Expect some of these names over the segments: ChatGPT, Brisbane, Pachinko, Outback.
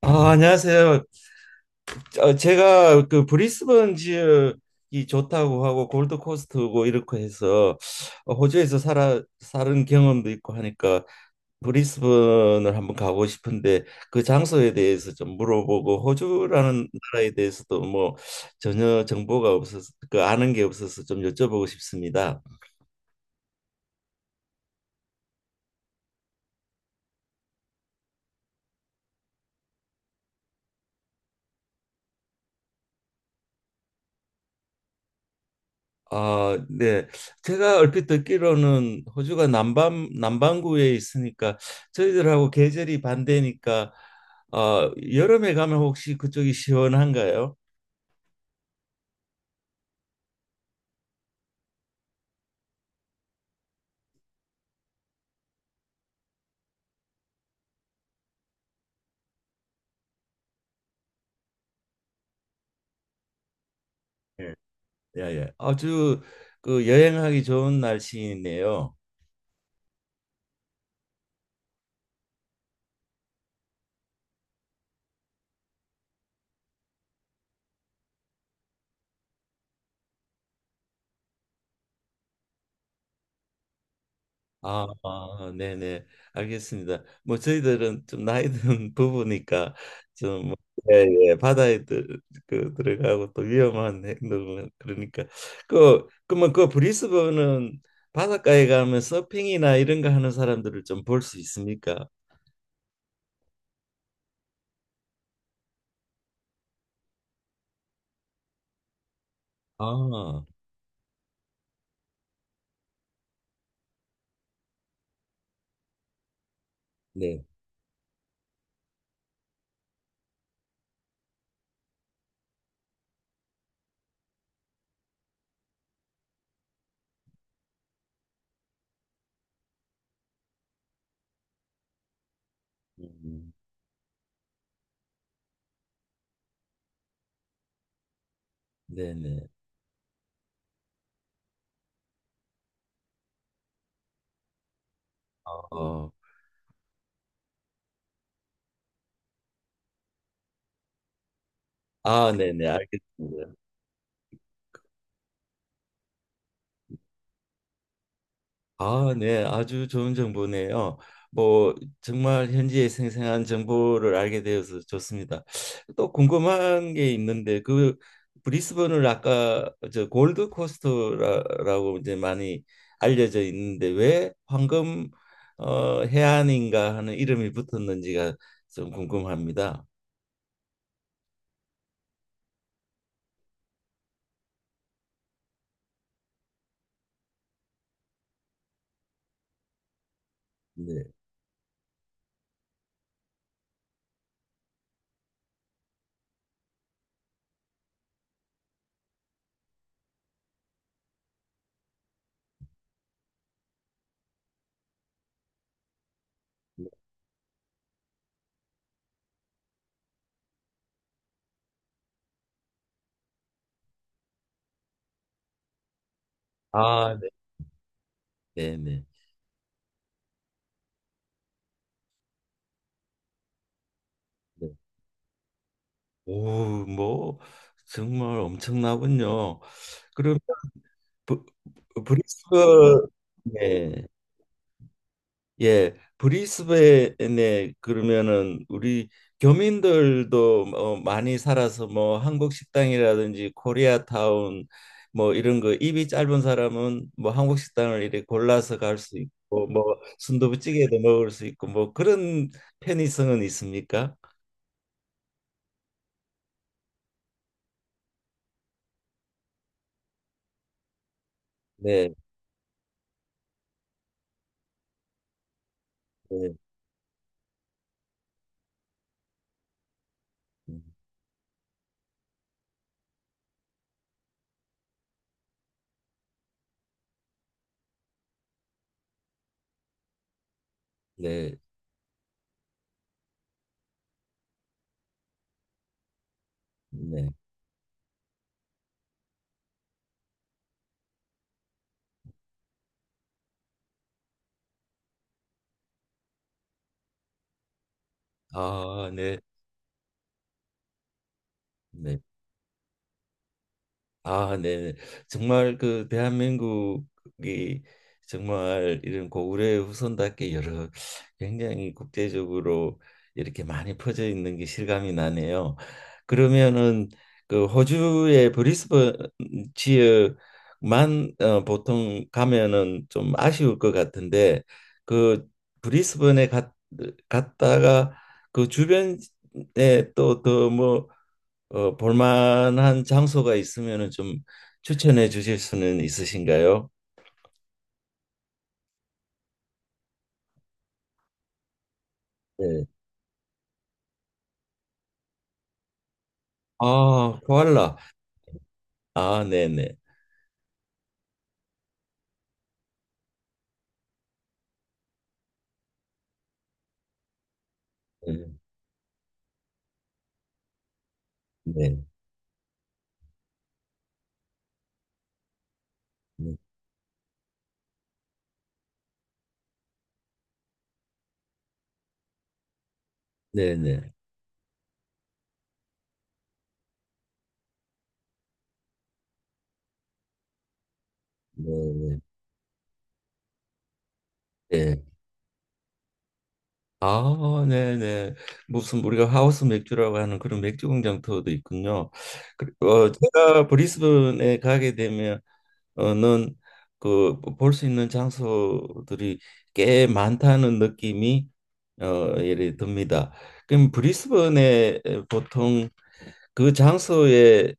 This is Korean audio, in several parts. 아, 안녕하세요. 제가 그 브리스번 지역이 좋다고 하고 골드코스트고 이렇게 해서 호주에서 살아 사는 경험도 있고 하니까 브리스번을 한번 가고 싶은데 그 장소에 대해서 좀 물어보고 호주라는 나라에 대해서도 뭐 전혀 정보가 없어서 그 아는 게 없어서 좀 여쭤보고 싶습니다. 아, 네. 제가 얼핏 듣기로는 호주가 남반구에 있으니까 저희들하고 계절이 반대니까 여름에 가면 혹시 그쪽이 시원한가요? 예. 예, 예. 아주 그 여행하기 좋은 날씨네요. 아, 아, 네네, 알겠습니다. 뭐 저희들은 좀 나이 든 부부니까 좀 뭐, 예, 예, 바다에 들어가고 또 위험한 행동은 그러니까 그러면 그 브리스번은 바닷가에 가면 서핑이나 이런 거 하는 사람들을 좀 볼 수 있습니까? 아, 네, 음, 네네, 어, 어. 아, 네네, 알겠습니다. 아, 네, 아주 좋은 정보네요. 뭐 정말 현지의 생생한 정보를 알게 되어서 좋습니다. 또 궁금한 게 있는데 그 브리스번을 아까 저 골드 코스트라고 이제 많이 알려져 있는데 왜 황금 해안인가 하는 이름이 붙었는지가 좀 궁금합니다. 네. 아, 네, 네, 네. 네. 오, 뭐 정말 엄청나군요. 그러면 브, 브리스번에 예 브리스번에 그러면은 우리 교민들도 많이 살아서 뭐 한국 식당이라든지 코리아타운 뭐 이런 거 입이 짧은 사람은 뭐 한국 식당을 이렇게 골라서 갈 수 있고 뭐 순두부찌개도 먹을 수 있고 뭐 그런 편의성은 있습니까? 네, 네, 음, 네, 네, 아, 네, 네. 아, 네. 정말 그 대한민국이 정말 이런 고구려의 후손답게 여러 굉장히 국제적으로 이렇게 많이 퍼져 있는 게 실감이 나네요. 그러면은 그 호주의 브리스번 지역만 보통 가면은 좀 아쉬울 것 같은데 그 브리스번에 갔다가 그 주변에 또더뭐 볼만한 장소가 있으면은 좀 추천해 주실 수는 있으신가요? 네. 아, 코알라. 아, 네네. 네, 네, 네, 네, 네, 네. 아, 네네. 무슨 우리가 하우스 맥주라고 하는 그런 맥주 공장 투어도 있군요. 그리고 제가 브리스번에 가게 되면 어는 그 볼 수 있는 장소들이 꽤 많다는 느낌이 예를 듭니다. 그럼 브리스번에 보통 그 장소에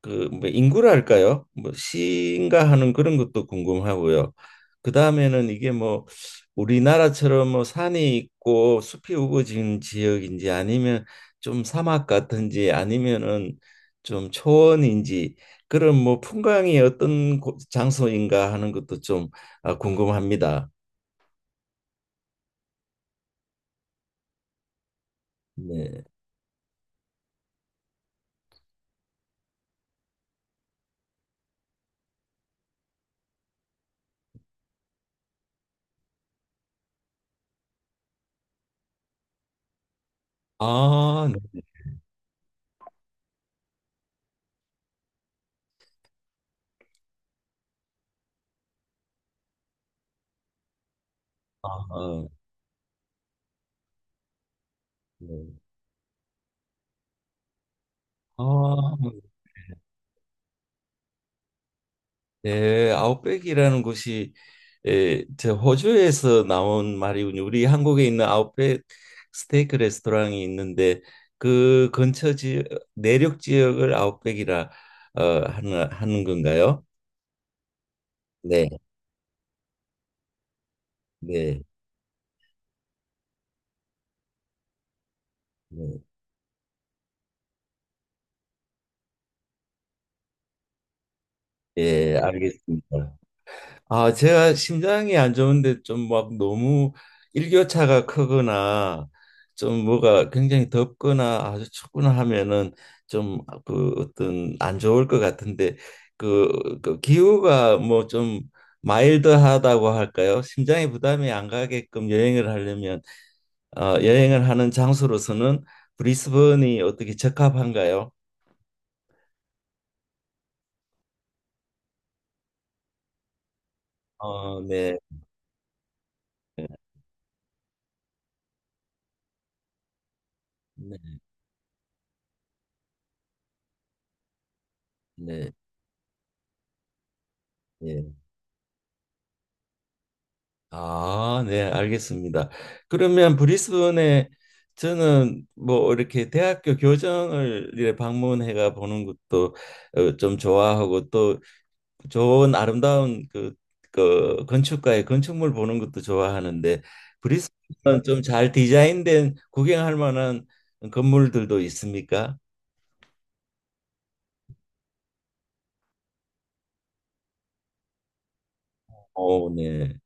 그뭐 인구랄까요? 뭐 시인가 하는 그런 것도 궁금하고요. 그 다음에는 이게 뭐 우리나라처럼 뭐 산이 있고 숲이 우거진 지역인지 아니면 좀 사막 같은지 아니면은 좀 초원인지 그런 뭐 풍광이 어떤 장소인가 하는 것도 좀 궁금합니다. 네. 아, 네. 아, 네. 아, 네, 아웃백이라는 곳이 저 호주에서 나온 말이군요. 우리 한국에 있는 아웃백 스테이크 레스토랑이 있는데 그 근처 지역 내륙 지역을 아웃백이라 하는 건가요? 네, 네, 네, 예, 알겠습니다. 아, 제가 심장이 안 좋은데 좀 막 너무 일교차가 크거나 좀 뭐가 굉장히 덥거나 아주 춥거나 하면은 좀 그 어떤 안 좋을 것 같은데 그 기후가 뭐 좀 마일드하다고 할까요? 심장에 부담이 안 가게끔 여행을 하려면 여행을 하는 장소로서는 브리스번이 어떻게 적합한가요? 어, 네, 네, 네, 네. 아, 네, 알겠습니다. 그러면 브리스번에 저는 뭐 이렇게 대학교 교정을 이렇게 방문해가 보는 것도 좀 좋아하고 또 좋은 아름다운 그 건축가의 건축물 보는 것도 좋아하는데 브리스번은 좀 잘 디자인된 구경할 만한 건물들도 있습니까? 오, 네.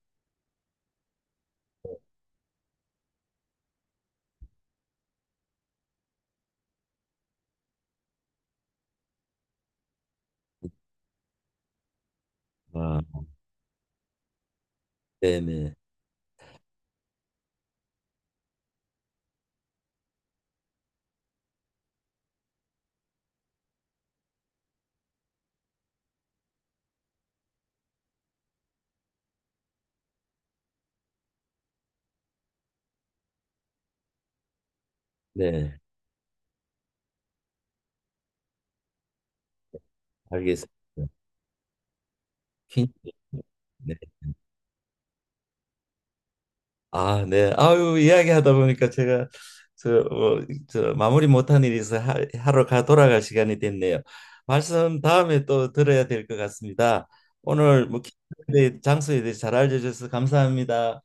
아, 네네. 네, 알겠습니다. 퀸- 아, 네. 아유, 이야기하다 보니까 제가 저, 저 마무리 못한 일이 있어 하러 가 돌아갈 시간이 됐네요. 말씀 다음에 또 들어야 될 것 같습니다. 오늘 뭐 장소에 대해 잘 알려줘서 감사합니다.